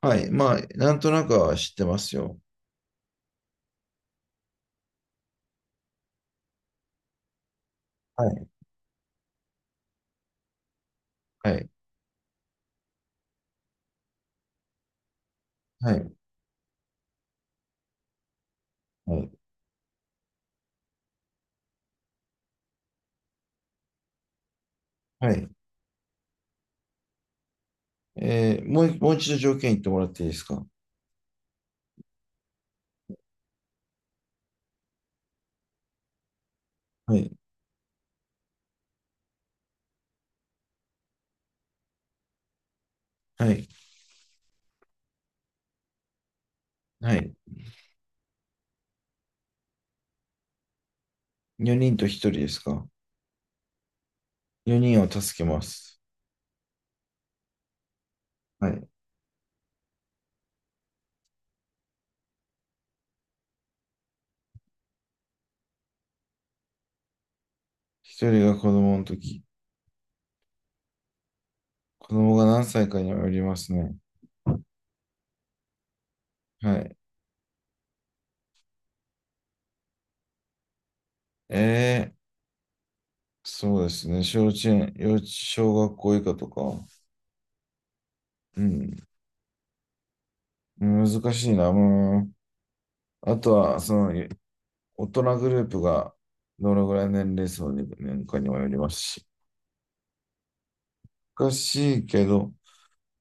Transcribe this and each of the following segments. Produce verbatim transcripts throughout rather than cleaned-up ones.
はい。まあ、なんとなくは知ってますよ。はい。はい。はい。はい。はい。えーもうい、もう一度条件言ってもらっていいですか？はい。はい。はい。よにんとひとりですか？ よ 人を助けます。はい。ひとりが子供の時。子供が何歳かにもよりますね。はい。えー、そうですね。小稚園、幼稚、小学校以下とか。うん。難しいな。もうあとは、その、大人グループがどのぐらい年齢層に年間にもよりますし。難しいけど、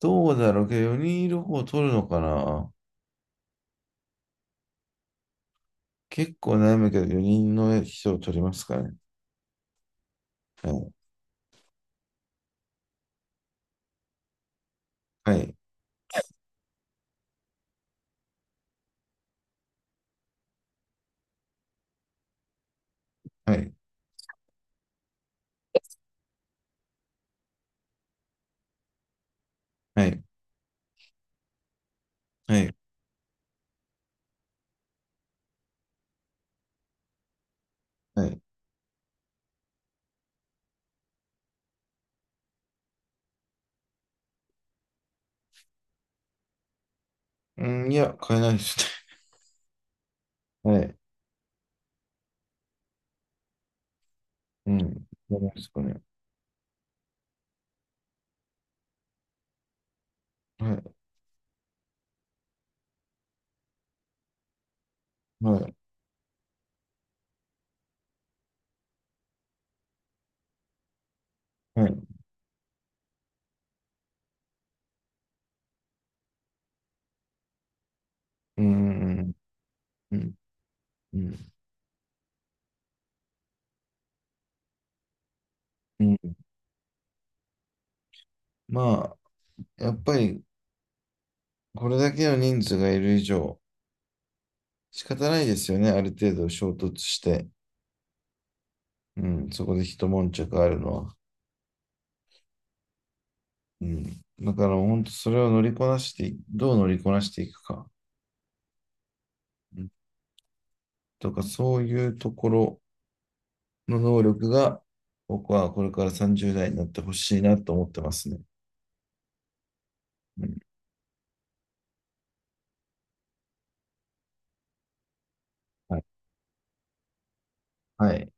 どうだろうけど、よにんいる方を取るのかな。結構悩むけど、よにんの人を取りますかね。はい。はい。はい。はい。はい。うん、いや、変えないですね。はい。うん。変えないですかね。はい。はい。はい。うん。うん。うん。うん。まあ、やっぱり、これだけの人数がいる以上、仕方ないですよね。ある程度衝突して。うん、そこで一悶着あるのは。うん。だから本当それを乗りこなしてい、どう乗りこなしていくか、うん、とか、そういうところの能力が、僕はこれからさんじゅう代になってほしいなと思ってますね。うん。はい。はい。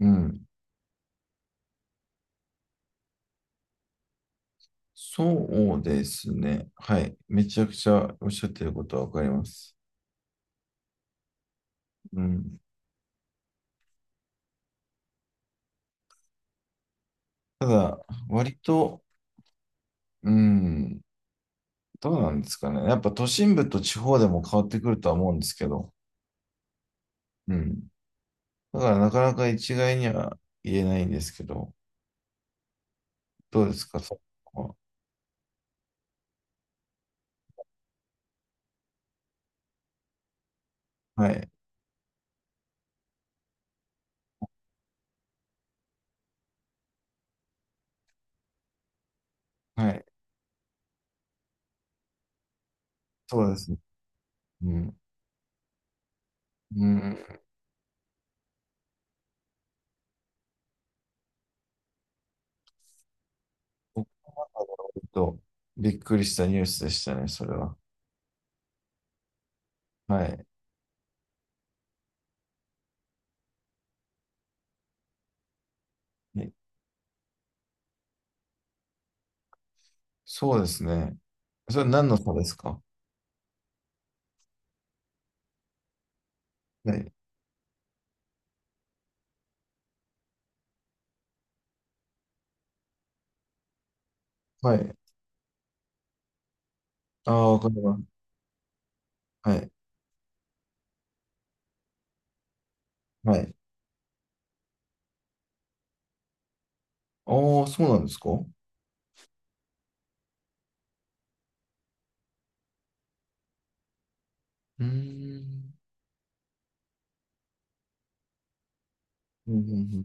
うん。そうですね。はい。めちゃくちゃおっしゃってることはわかります。うん。ただ、割と、うん、どうなんですかね。やっぱ都心部と地方でも変わってくるとは思うんですけど、うん。だからなかなか一概には言えないんですけど、どうですか、そこは。はい。はい。そうですね。うん。うん。僕は割とびっくりしたニュースでしたね、それは。はい。ね。そうですね。それは何の差ですか？はい。はい。ああ、わかります。はい。はい。ああ、そうなんですか？うーん。うん。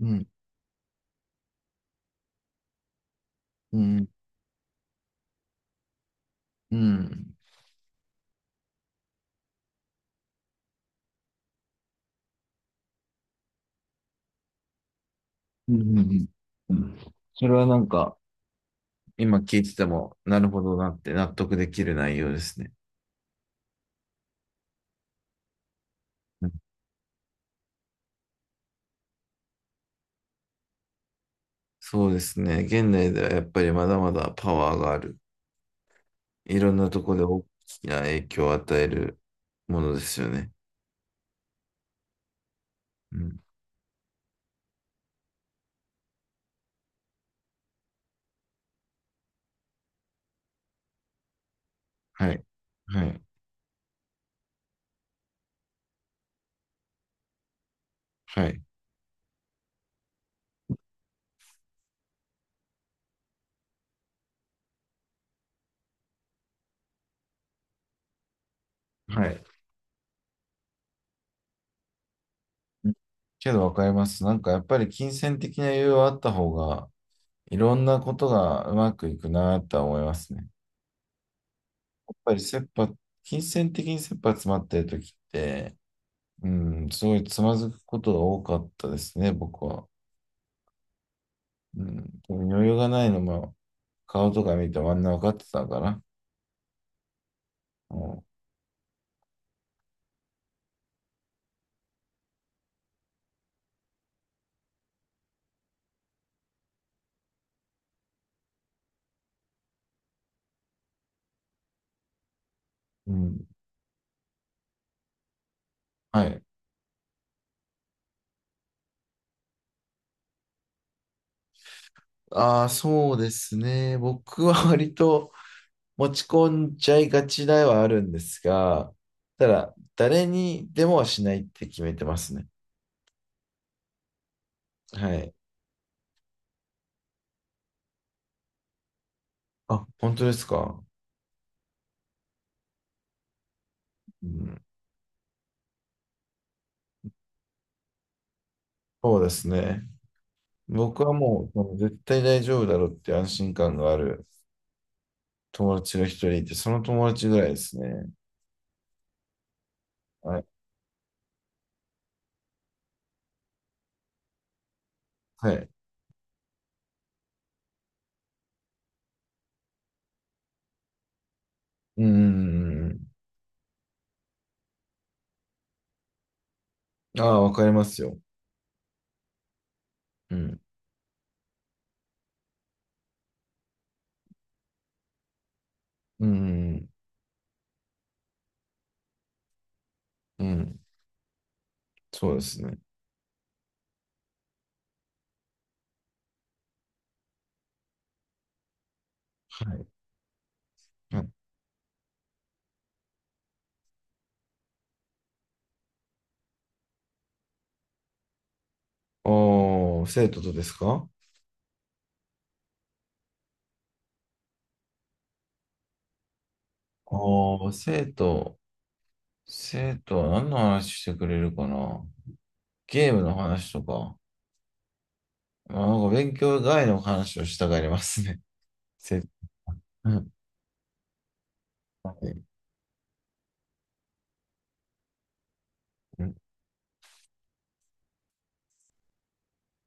うん。うん。うん。うん。うん。うんうん。それはなんか、今聞いてても、なるほどなって納得できる内容ですね。うん。そうですね。現代ではやっぱりまだまだパワーがある。いろんなところで大きな影響を与えるものですよね。うん。はい。はい。はい。はい。うん。けどわかります。なんかやっぱり金銭的な余裕はあった方が、いろんなことがうまくいくなとは思いますね。やっぱり切羽、金銭的に切羽詰まってる時って、うん、すごいつまずくことが多かったですね、僕は。うん、多分余裕がないのも、顔とか見てあんな分かってたから。もう、うん、はい。ああ、そうですね。僕は割と持ち込んじゃいがちではあるんですが、ただ、誰にでもはしないって決めてますね。はい。あ、本当ですか？うん、そうですね。僕はもう、もう絶対大丈夫だろうっていう安心感がある友達が一人いて、その友達ぐらいですね。はい。はい。うん、うんうんうん。ああ、わかりますよ。うん。うん、うん、うん。そうですね。はい。はい、おー、生徒とですか？おー、生徒。生徒は何の話してくれるかな。ゲームの話とか。まあ、なんか勉強外の話をしたがりますね。生徒。うん。はい。うん